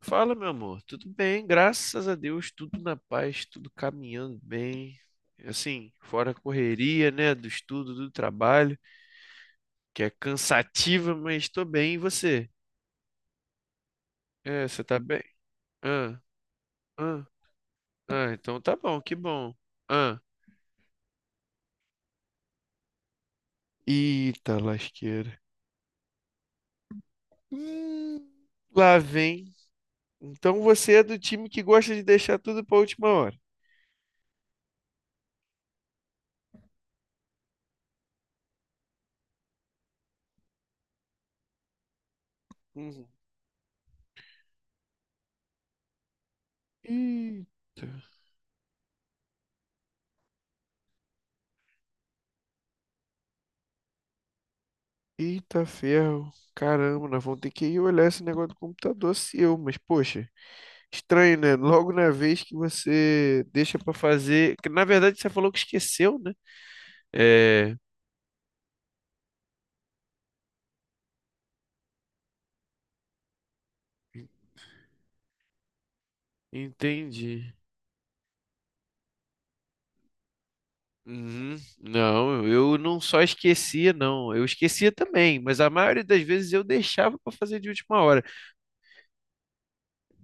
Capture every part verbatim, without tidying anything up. Fala, meu amor. Tudo bem, graças a Deus, tudo na paz, tudo caminhando bem. Assim, fora a correria, né, do estudo, do trabalho, que é cansativa, mas tô bem. E você? É, você tá bem? Ah, ah, ah, então tá bom, que bom. Ah, eita lasqueira. Hum, lá vem. Então você é do time que gosta de deixar tudo pra última hora. Uhum. Eita. Eita ferro, caramba, nós vamos ter que ir olhar esse negócio do computador seu, mas poxa, estranho, né? Logo na vez que você deixa pra fazer, que na verdade você falou que esqueceu, né? É, entendi. Uhum. Não, eu não só esquecia, não, eu esquecia também, mas a maioria das vezes eu deixava pra fazer de última hora.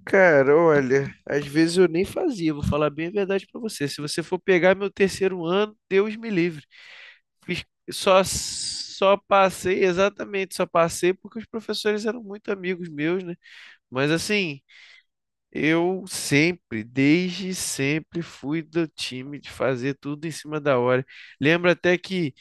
Cara, olha, às vezes eu nem fazia, vou falar bem a verdade pra você. Se você for pegar meu terceiro ano, Deus me livre. fiz- só, só passei, exatamente, só passei porque os professores eram muito amigos meus, né? Mas assim, eu sempre, desde sempre, fui do time de fazer tudo em cima da hora. Lembro até que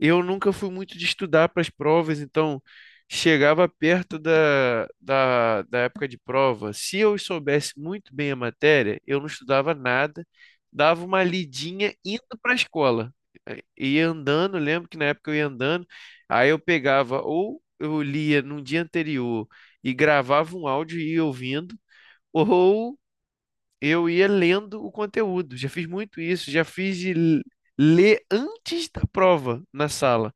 eu nunca fui muito de estudar para as provas, então chegava perto da, da, da época de prova. Se eu soubesse muito bem a matéria, eu não estudava nada, dava uma lidinha indo para a escola. Eh, Ia andando, lembro que na época eu ia andando, aí eu pegava ou eu lia num dia anterior e gravava um áudio e ia ouvindo, ou eu ia lendo o conteúdo. Já fiz muito isso, já fiz de l- ler antes da prova na sala.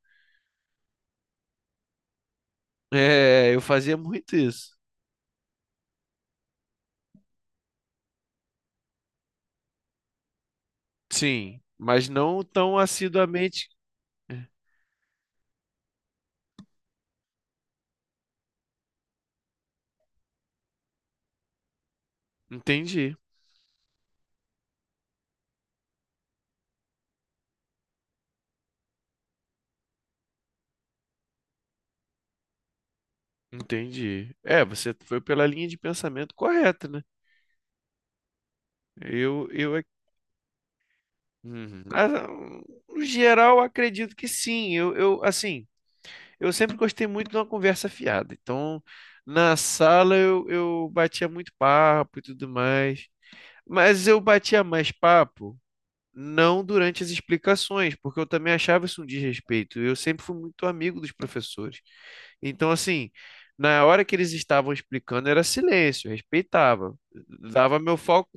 É, eu fazia muito isso. Sim, mas não tão assiduamente. Entendi, entendi. É, você foi pela linha de pensamento correta, né? Eu, eu, ac- Uhum. Mas, ah, no geral, acredito que sim. Eu, eu, assim, eu sempre gostei muito de uma conversa fiada. Então, na sala eu, eu batia muito papo e tudo mais. Mas eu batia mais papo, não durante as explicações, porque eu também achava isso um desrespeito. Eu sempre fui muito amigo dos professores. Então, assim, na hora que eles estavam explicando, era silêncio, eu respeitava. Dava meu foco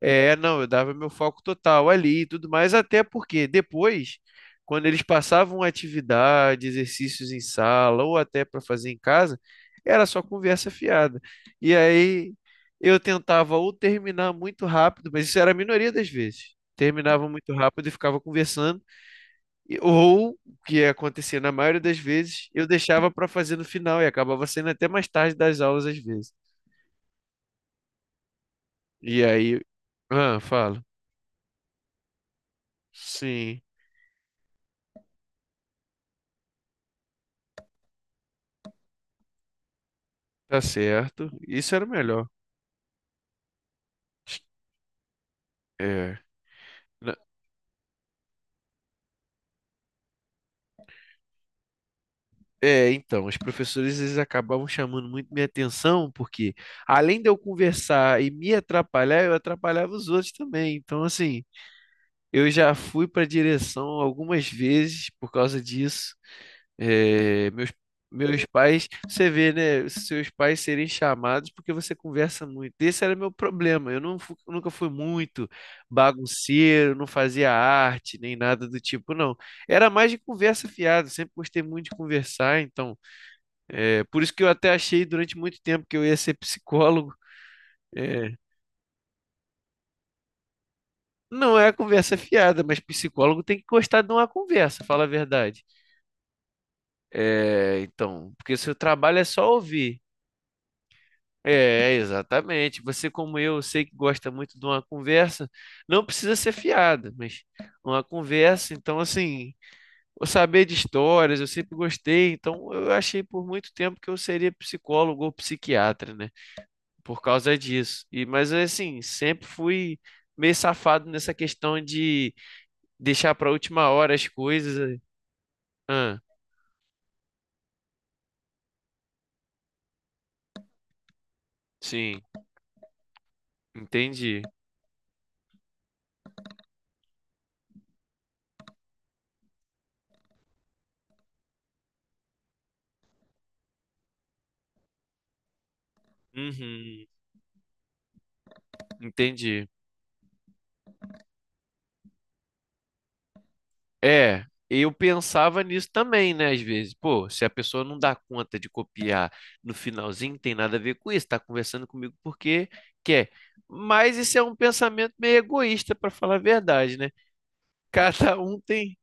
é, não, Eu dava meu foco total ali e tudo mais, até porque depois, quando eles passavam atividade, exercícios em sala ou até para fazer em casa, era só conversa fiada. E aí eu tentava ou terminar muito rápido, mas isso era a minoria das vezes. Terminava muito rápido e ficava conversando, e- ou o que acontecia na maioria das vezes, eu deixava para fazer no final e acabava sendo até mais tarde das aulas às vezes. E aí, ah, falo. Sim. Tá certo. Isso era o melhor. É. Na- É, então, os professores eles acabavam chamando muito minha atenção, porque além de eu conversar e me atrapalhar, eu atrapalhava os outros também. Então, assim, eu já fui para direção algumas vezes por causa disso. É, meus, Meus pais, você vê, né? Seus pais serem chamados porque você conversa muito. Esse era meu problema. Eu não, fu- Nunca fui muito bagunceiro, não fazia arte, nem nada do tipo, não. Era mais de conversa fiada. Sempre gostei muito de conversar, então. É, por isso que eu até achei durante muito tempo que eu ia ser psicólogo. É, não é a conversa fiada, mas psicólogo tem que gostar de uma conversa, fala a verdade. É, então, porque seu trabalho é só ouvir. É, exatamente. Você, como eu, eu sei que gosta muito de uma conversa, não precisa ser fiada, mas uma conversa, então, assim, eu saber de histórias, eu sempre gostei, então eu achei por muito tempo que eu seria psicólogo ou psiquiatra, né? Por causa disso. E, mas, assim, sempre fui meio safado nessa questão de deixar para última hora as coisas. Ah, sim, entendi. Uhum, entendi. É, eu pensava nisso também, né? Às vezes, pô, se a pessoa não dá conta de copiar no finalzinho, tem nada a ver com isso, tá conversando comigo porque quer. Mas isso é um pensamento meio egoísta, para falar a verdade, né? Cada um tem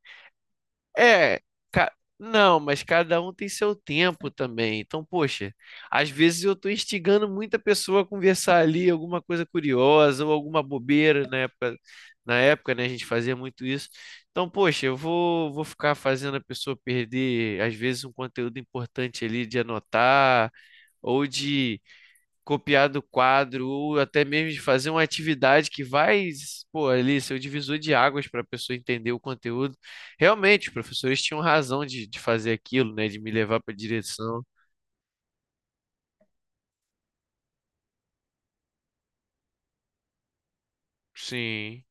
é, ca- Não, mas cada um tem seu tempo também. Então, poxa, às vezes eu tô instigando muita pessoa a conversar ali alguma coisa curiosa ou alguma bobeira na época, na época, né, a gente fazia muito isso. Então, poxa, eu vou, vou ficar fazendo a pessoa perder, às vezes, um conteúdo importante ali de anotar ou de copiar do quadro, ou até mesmo de fazer uma atividade que vai, pô, ali ser o divisor de águas para a pessoa entender o conteúdo. Realmente, os professores tinham razão de, de fazer aquilo, né? De me levar para direção. Sim,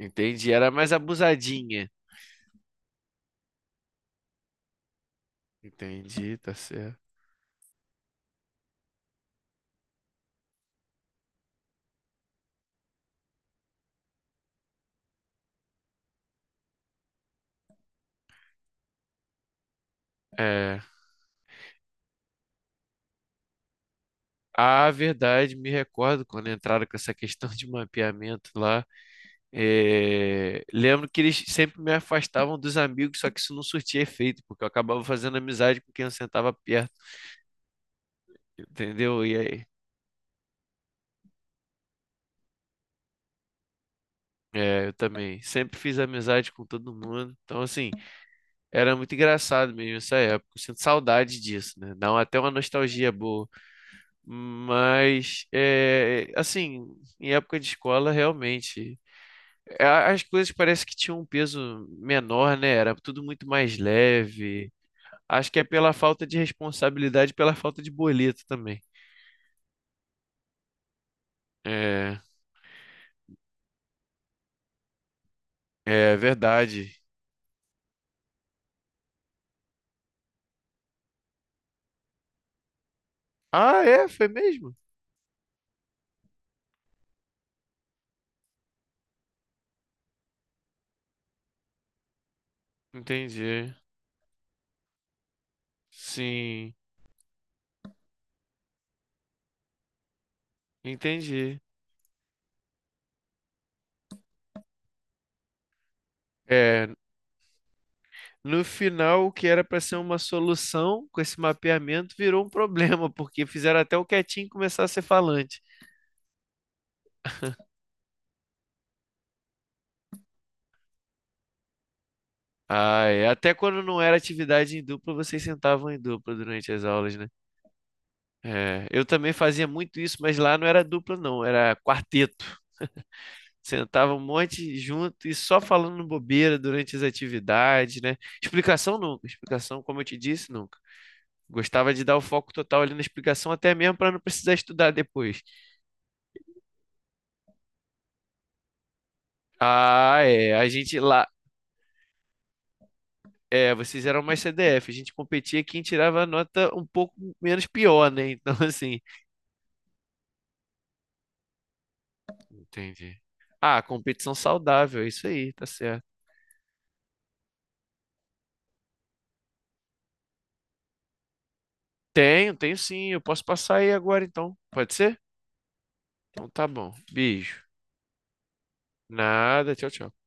entendi. Era mais abusadinha. Entendi, tá certo. É, a verdade, me recordo quando entraram com essa questão de mapeamento lá. É, lembro que eles sempre me afastavam dos amigos, só que isso não surtia efeito, porque eu acabava fazendo amizade com quem eu sentava perto. Entendeu? E aí? É, eu também. Sempre fiz amizade com todo mundo. Então, assim, era muito engraçado mesmo essa época. Eu sinto saudade disso, né? Dá uma- até uma nostalgia boa. Mas, é, assim, em época de escola, realmente, é, as coisas parece que tinham um peso menor, né? Era tudo muito mais leve. Acho que é pela falta de responsabilidade, pela falta de boleto também. É, é verdade. Ah, é? Foi mesmo? Entendi. Sim. Entendi. É, no final, o que era para ser uma solução com esse mapeamento virou um problema, porque fizeram até o quietinho começar a ser falante. Ah, é. Até quando não era atividade em dupla, vocês sentavam em dupla durante as aulas, né? É, eu também fazia muito isso, mas lá não era dupla, não, era quarteto. Sentava um monte junto e só falando bobeira durante as atividades, né? Explicação nunca, explicação, como eu te disse, nunca. Gostava de dar o foco total ali na explicação, até mesmo para não precisar estudar depois. Ah, é. A gente lá. É, vocês eram mais C D F. A gente competia quem tirava a nota um pouco menos pior, né? Então, assim. Entendi. Ah, competição saudável, é isso aí, tá certo. Tenho, tenho sim. Eu posso passar aí agora, então. Pode ser? Então tá bom. Beijo. Nada, tchau, tchau.